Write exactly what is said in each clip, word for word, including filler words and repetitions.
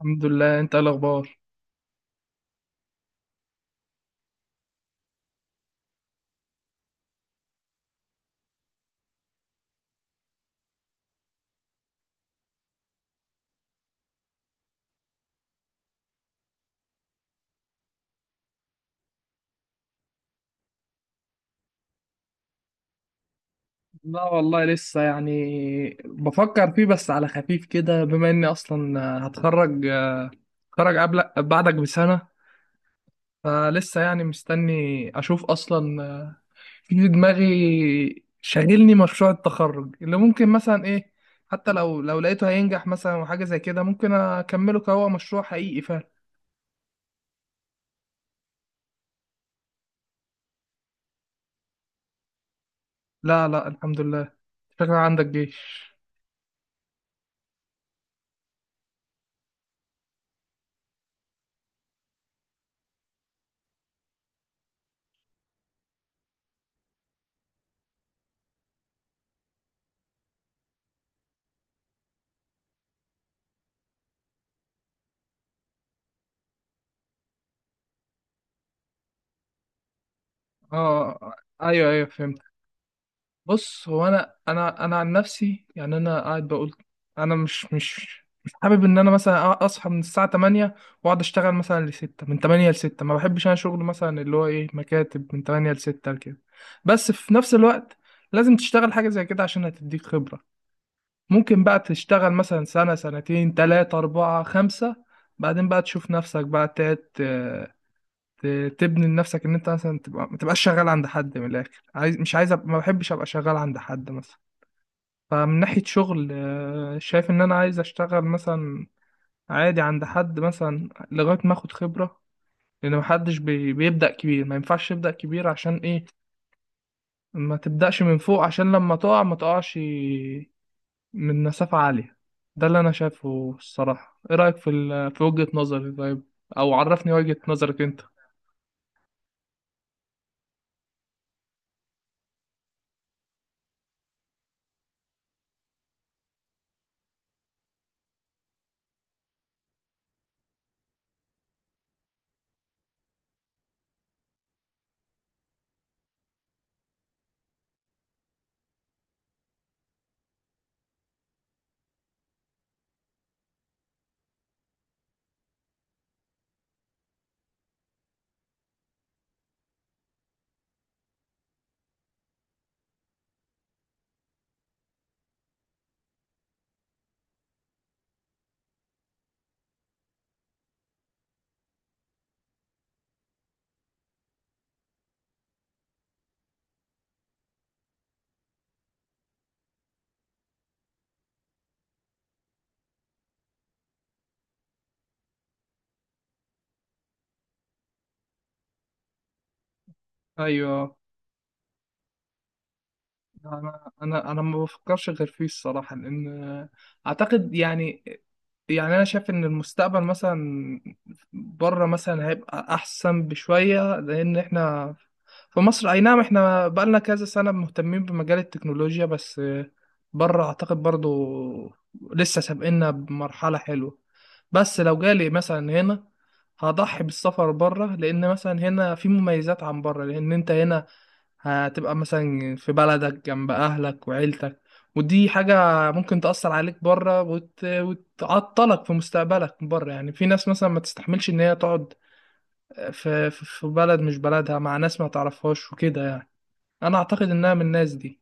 الحمد لله، انت ايه الاخبار؟ لا والله لسه يعني بفكر فيه بس على خفيف كده بما اني اصلا هتخرج هتخرج قبل بعدك بسنة. فلسه يعني مستني اشوف اصلا. في دماغي شاغلني مشروع التخرج اللي ممكن مثلا ايه. حتى لو لو لقيته هينجح مثلا وحاجة زي كده ممكن اكمله كهو مشروع حقيقي فعلا. لا، لا، الحمد لله. شكلك عندك جيش؟ اه، ايوه، ايوه، فهمت. بص، هو انا انا انا عن نفسي، يعني انا قاعد بقول انا مش مش مش حابب ان انا مثلا اصحى من الساعه تمانية واقعد اشتغل مثلا ل ستة، من تمانية ل ستة. ما بحبش انا شغل مثلا اللي هو ايه، مكاتب من تمانية ل ستة كده. بس في نفس الوقت لازم تشتغل حاجه زي كده عشان هتديك خبره. ممكن بقى تشتغل مثلا سنه سنتين تلاتة أربعة خمسة، بعدين بقى تشوف نفسك بقى تقعد ت- ت- تبني لنفسك ان انت مثلا تبقى ما تبقاش شغال عند حد. من الاخر، عايز مش عايز أبقى، ما بحبش ابقى شغال عند حد مثلا. فمن ناحية شغل آه، شايف إن أنا عايز أشتغل مثلا عادي عند حد مثلا لغاية ما آخد خبرة. لأن محدش بي- بيبدأ كبير، ما ينفعش تبدأ كبير. عشان إيه؟ ما تبدأش من فوق عشان لما تقع ما تقعش من مسافة عالية. ده اللي أنا شايفه الصراحة. إيه رأيك في ال- في وجهة نظري؟ طيب، أو عرفني وجهة نظرك أنت. أيوه. أنا أنا أنا ما بفكرش غير فيه الصراحة، لأن أعتقد يعني يعني انا شايف ان المستقبل مثلا بره مثلا هيبقى احسن بشويه. لان احنا في مصر اي نعم احنا بقالنا كذا سنه مهتمين بمجال التكنولوجيا، بس بره اعتقد برضو لسه سابقنا بمرحله حلوه. بس لو جالي مثلا هنا هضحي بالسفر بره، لان مثلا هنا في مميزات عن بره. لان انت هنا هتبقى مثلا في بلدك جنب أهلك وعيلتك، ودي حاجة ممكن تأثر عليك بره وت... وتعطلك في مستقبلك بره. يعني في ناس مثلا ما تستحملش إن هي تقعد في... في في بلد مش بلدها مع ناس ما تعرفهاش وكده. يعني أنا أعتقد إنها من الناس دي.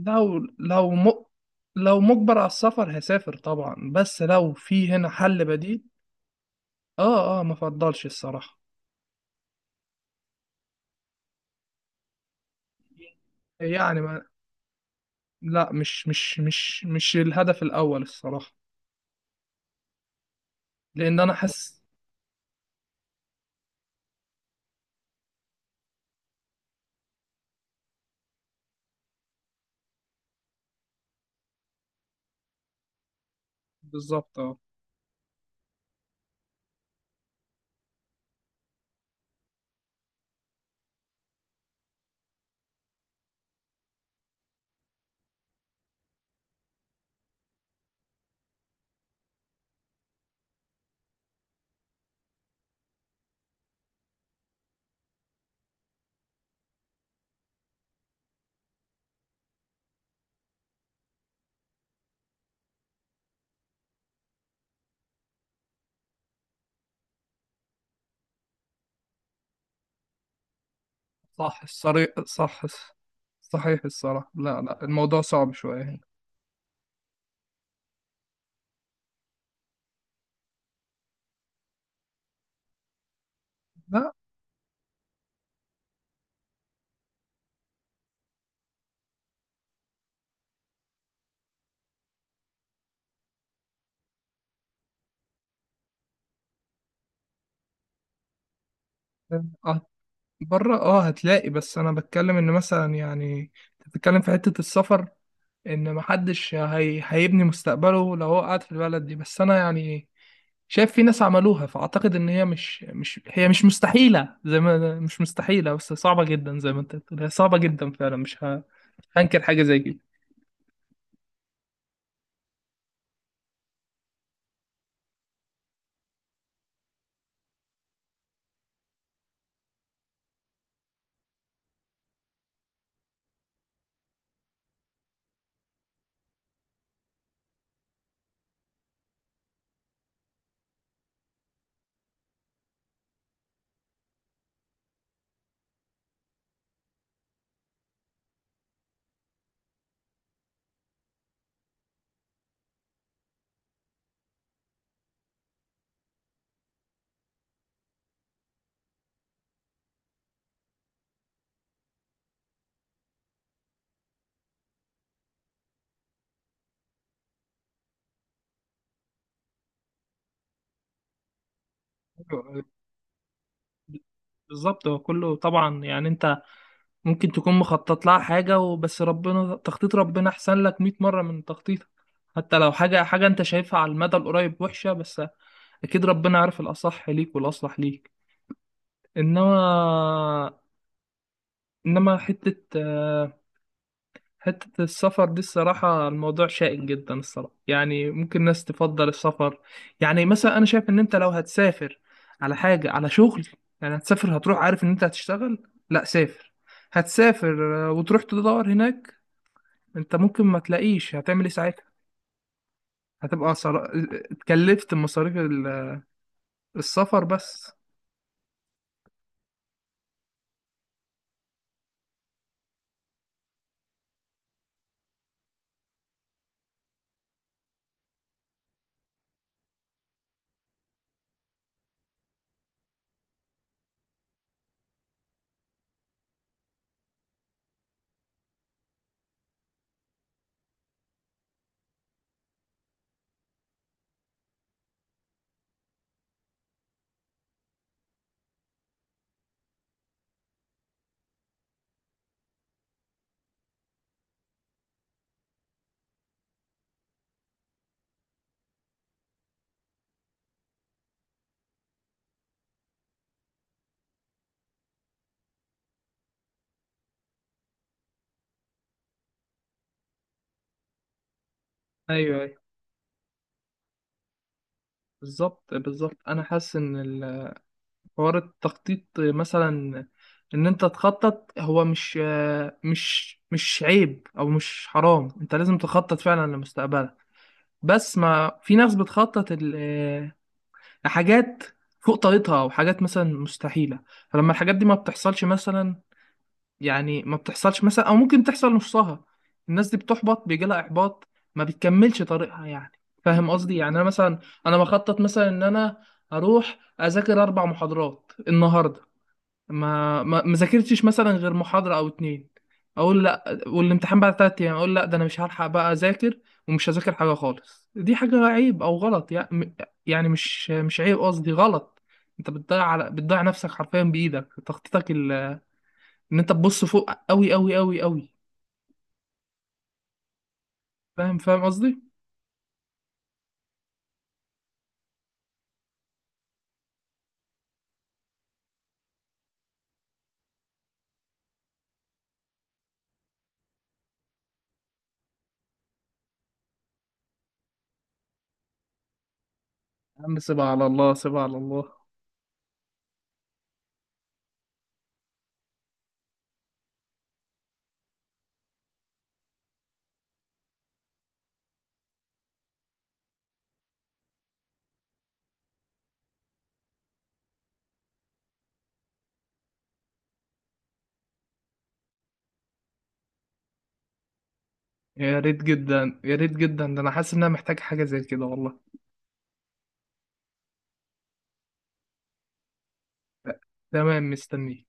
لو لو م... لو مجبر على السفر هسافر طبعا، بس لو في هنا حل بديل. آه، آه، ما فضلش الصراحة. يعني ما... لا، مش مش مش مش الهدف الأول الصراحة، لأن أنا حاسس. بالظبط، اه. صح، الصريح صح، صحيح الصراحة. لا، لا، الموضوع صعب شوية هنا. لا، آه، بره اه هتلاقي. بس انا بتكلم ان مثلا يعني أنت بتتكلم في حتة السفر، ان محدش هي... هيبني مستقبله لو هو قاعد في البلد دي. بس انا يعني شايف في ناس عملوها، فاعتقد ان هي مش مش هي مش مستحيلة. زي ما مش مستحيلة بس صعبة جدا، زي ما انت بتقول هي صعبة جدا فعلا. مش ه... هنكر حاجة زي كده. أيوة، بالظبط. هو كله طبعا يعني انت ممكن تكون مخطط لها حاجة، وبس ربنا، تخطيط ربنا أحسن لك مئة مرة من تخطيطك. حتى لو حاجة حاجة أنت شايفها على المدى القريب وحشة، بس أكيد ربنا عارف الأصح ليك والأصلح ليك. إنما إنما حتة آه، حتة السفر دي الصراحة الموضوع شائك جدا. الصراحة يعني ممكن ناس تفضل السفر. يعني مثلا أنا شايف إن أنت لو هتسافر على حاجة على شغل، يعني هتسافر هتروح عارف إن أنت هتشتغل. لا، سافر هتسافر آه، وتروح تدور هناك. انت ممكن ما تلاقيش، هتعمل ايه ساعتها؟ هتبقى صر... اتكلفت مصاريف ال- السفر بس. ايوه، ايوه، بالظبط، بالظبط، انا حاسس ان ال- حوار التخطيط مثلا، ان انت تخطط هو مش مش مش عيب او مش حرام، انت لازم تخطط فعلا لمستقبلك. بس ما في ناس بتخطط ال- لحاجات فوق طاقتها او حاجات مثلا مستحيلة. فلما الحاجات دي ما بتحصلش مثلا، يعني ما بتحصلش مثلا او ممكن تحصل نصها، الناس دي بتحبط، بيجي لها احباط، ما بتكملش طريقها يعني. فاهم قصدي؟ يعني انا مثلا انا بخطط مثلا ان انا اروح اذاكر اربع محاضرات النهارده. ما ما ما ذاكرتش مثلا غير محاضره او اتنين، اقول لا والامتحان بعد تلات ايام، اقول لا ده انا مش هلحق بقى اذاكر، ومش هذاكر حاجه خالص. دي حاجه عيب او غلط يعني. يعني مش مش عيب، قصدي غلط. انت بتضيع، على بتضيع نفسك حرفيا بايدك تخطيطك. ان انت تبص فوق قوي قوي قوي قوي. فاهم فاهم قصدي. يا عم سيبها على الله، سيبها على الله. يا ريت جدا، يا ريت جدا، ده انا حاسس ان انا محتاج حاجه زي كده والله. تمام، مستنيك.